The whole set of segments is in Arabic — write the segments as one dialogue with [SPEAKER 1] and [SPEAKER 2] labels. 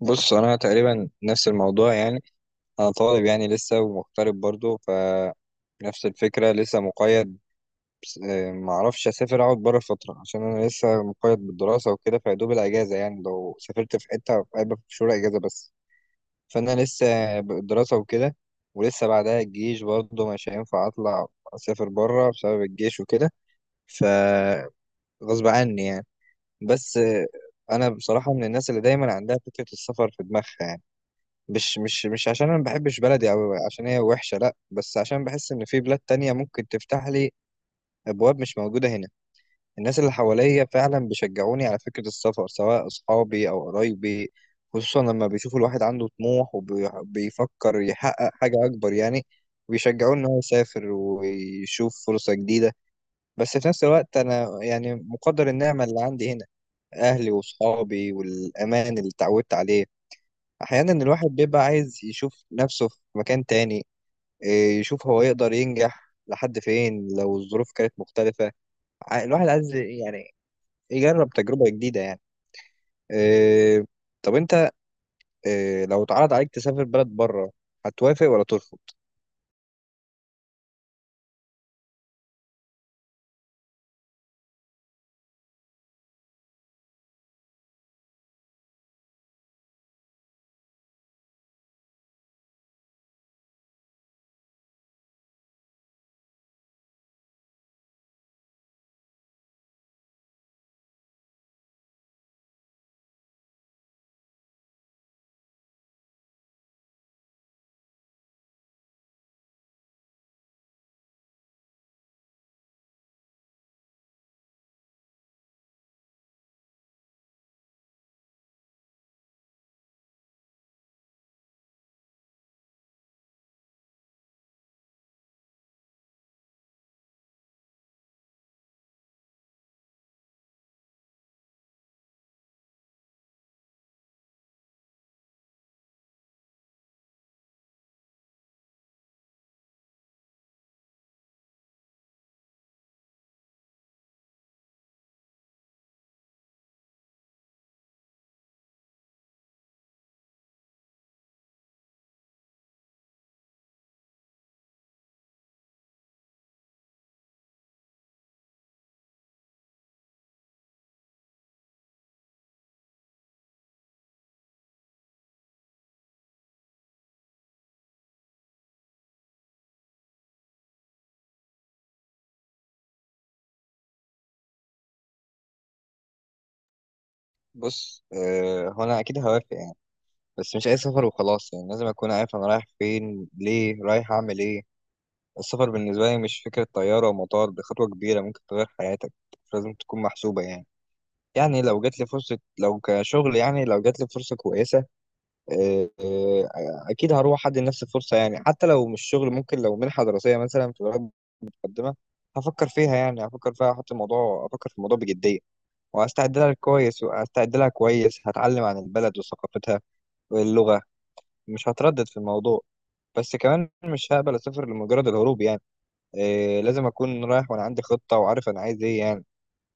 [SPEAKER 1] بص، انا تقريبا نفس الموضوع يعني. انا طالب يعني لسه ومغترب برضو، فنفس الفكره لسه مقيد. معرفش اسافر اقعد بره فتره عشان انا لسه مقيد بالدراسه وكده، فيدوب الاجازه يعني. لو سافرت في حته هيبقى في شهور اجازه بس. فانا لسه بالدراسه وكده، ولسه بعدها الجيش برضو مش هينفع اطلع اسافر بره بسبب الجيش وكده، فغصب عني يعني. بس آه، انا بصراحه من الناس اللي دايما عندها فكره السفر في دماغها يعني. مش عشان انا ما بحبش بلدي او عشان هي وحشه، لا، بس عشان بحس ان في بلاد تانية ممكن تفتح لي ابواب مش موجوده هنا. الناس اللي حواليا فعلا بيشجعوني على فكره السفر، سواء اصحابي او قرايبي، خصوصا لما بيشوفوا الواحد عنده طموح وبيفكر يحقق حاجه اكبر يعني. بيشجعوه ان هو يسافر ويشوف فرصه جديده. بس في نفس الوقت انا يعني مقدر النعمه اللي عندي هنا، اهلي واصحابي والامان اللي اتعودت عليه. احيانا الواحد بيبقى عايز يشوف نفسه في مكان تاني، إيه، يشوف هو يقدر ينجح لحد فين لو الظروف كانت مختلفة. الواحد عايز يعني يجرب تجربة جديدة يعني، إيه. طب انت، إيه، لو اتعرض عليك تسافر بلد بره، هتوافق ولا ترفض؟ بص، إيه، هو انا اكيد هوافق يعني، بس مش اي سفر وخلاص يعني. لازم اكون عارف انا رايح فين، ليه رايح، اعمل ايه. السفر بالنسبة لي مش فكرة طيارة ومطار، دي خطوة كبيرة ممكن تغير حياتك، لازم تكون محسوبة يعني. يعني لو جات لي فرصة، لو كشغل يعني، لو جات لي فرصة كويسة، آه، آه، أكيد هروح أدي لنفسي فرصة يعني. حتى لو مش شغل، ممكن لو منحة دراسية مثلا في بلد متقدمة، هفكر فيها يعني. هفكر فيها أحط الموضوع، أفكر في الموضوع بجدية، وهستعد لها كويس، هتعلم عن البلد وثقافتها واللغة. مش هتردد في الموضوع، بس كمان مش هقبل أسافر لمجرد الهروب يعني. آه، لازم أكون رايح وأنا عندي خطة وعارف أنا عايز إيه يعني.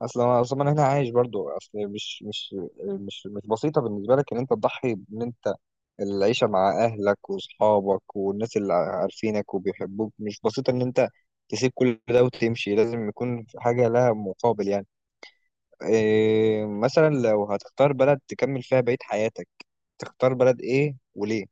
[SPEAKER 1] اصل انا هنا عايش برضو. اصل مش بسيطه بالنسبه لك ان انت تضحي ان انت، العيشه مع اهلك واصحابك والناس اللي عارفينك وبيحبوك مش بسيطه ان انت تسيب كل ده وتمشي. لازم يكون في حاجه لها مقابل يعني. إيه، مثلا لو هتختار بلد تكمل فيها بقيه حياتك، تختار بلد ايه وليه؟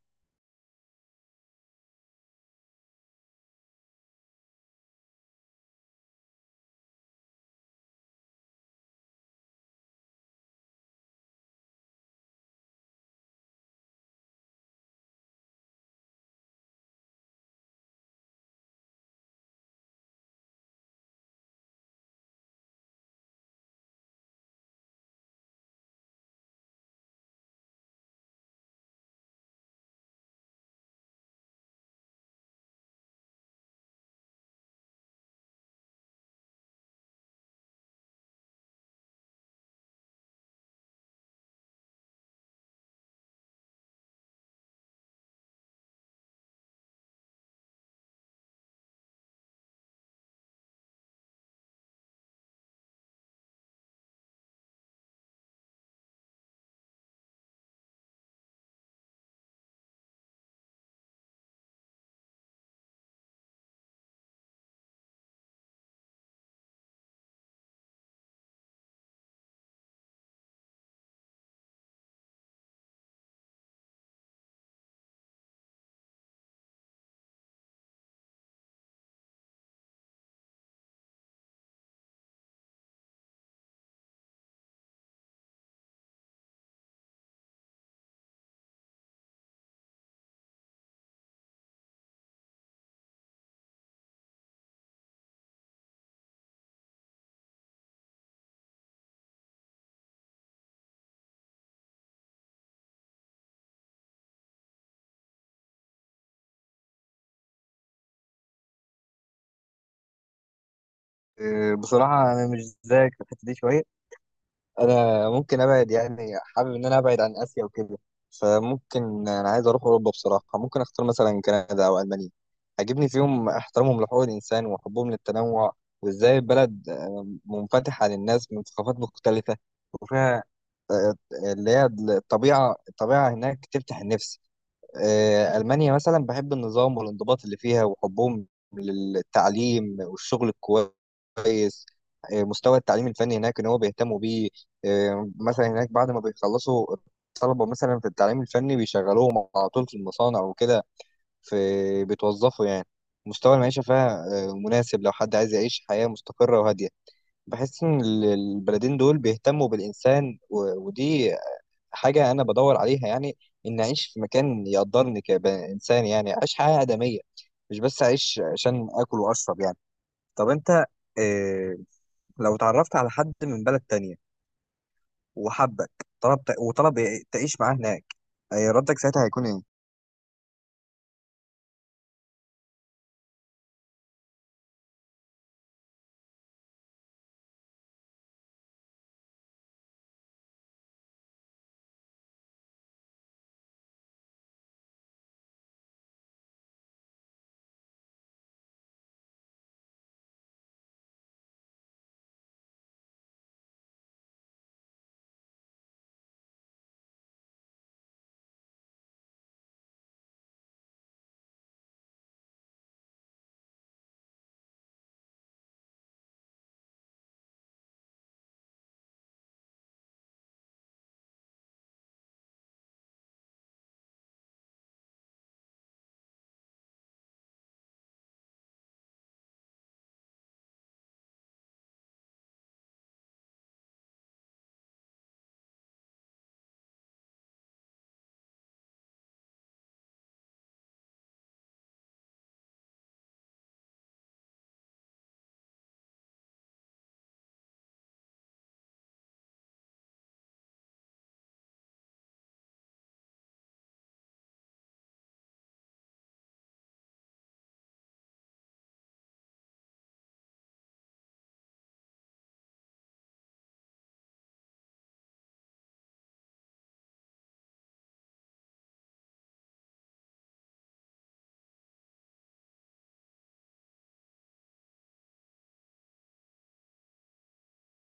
[SPEAKER 1] إيه، بصراحه انا مش زيك في الحته دي شويه. انا ممكن ابعد يعني، حابب ان انا ابعد عن اسيا وكده، فممكن انا عايز اروح اوروبا. بصراحه ممكن اختار مثلا كندا او المانيا. عجبني فيهم احترامهم لحقوق الانسان وحبهم للتنوع، وازاي البلد آه، منفتحه للناس من ثقافات مختلفه، وفيها آه، اللي هي الطبيعه هناك تفتح النفس. آه، ألمانيا مثلا بحب النظام والانضباط اللي فيها، وحبهم للتعليم والشغل الكويس. آه، مستوى التعليم الفني هناك إن هو بيهتموا بيه. آه، مثلا هناك بعد ما بيخلصوا الطلبة مثلا في التعليم الفني بيشغلوهم على طول في المصانع وكده، في بيتوظفوا يعني. مستوى المعيشة فيها آه، مناسب لو حد عايز يعيش حياة مستقرة وهادية. بحس إن البلدين دول بيهتموا بالإنسان، ودي حاجة أنا بدور عليها يعني، إن أعيش في مكان يقدرني كإنسان، يعني أعيش حياة آدمية، مش بس أعيش عشان آكل وأشرب يعني. طب أنت، إيه، لو اتعرفت على حد من بلد تانية وحبك، وطلب تعيش معاه هناك، إيه ردك ساعتها هيكون إيه؟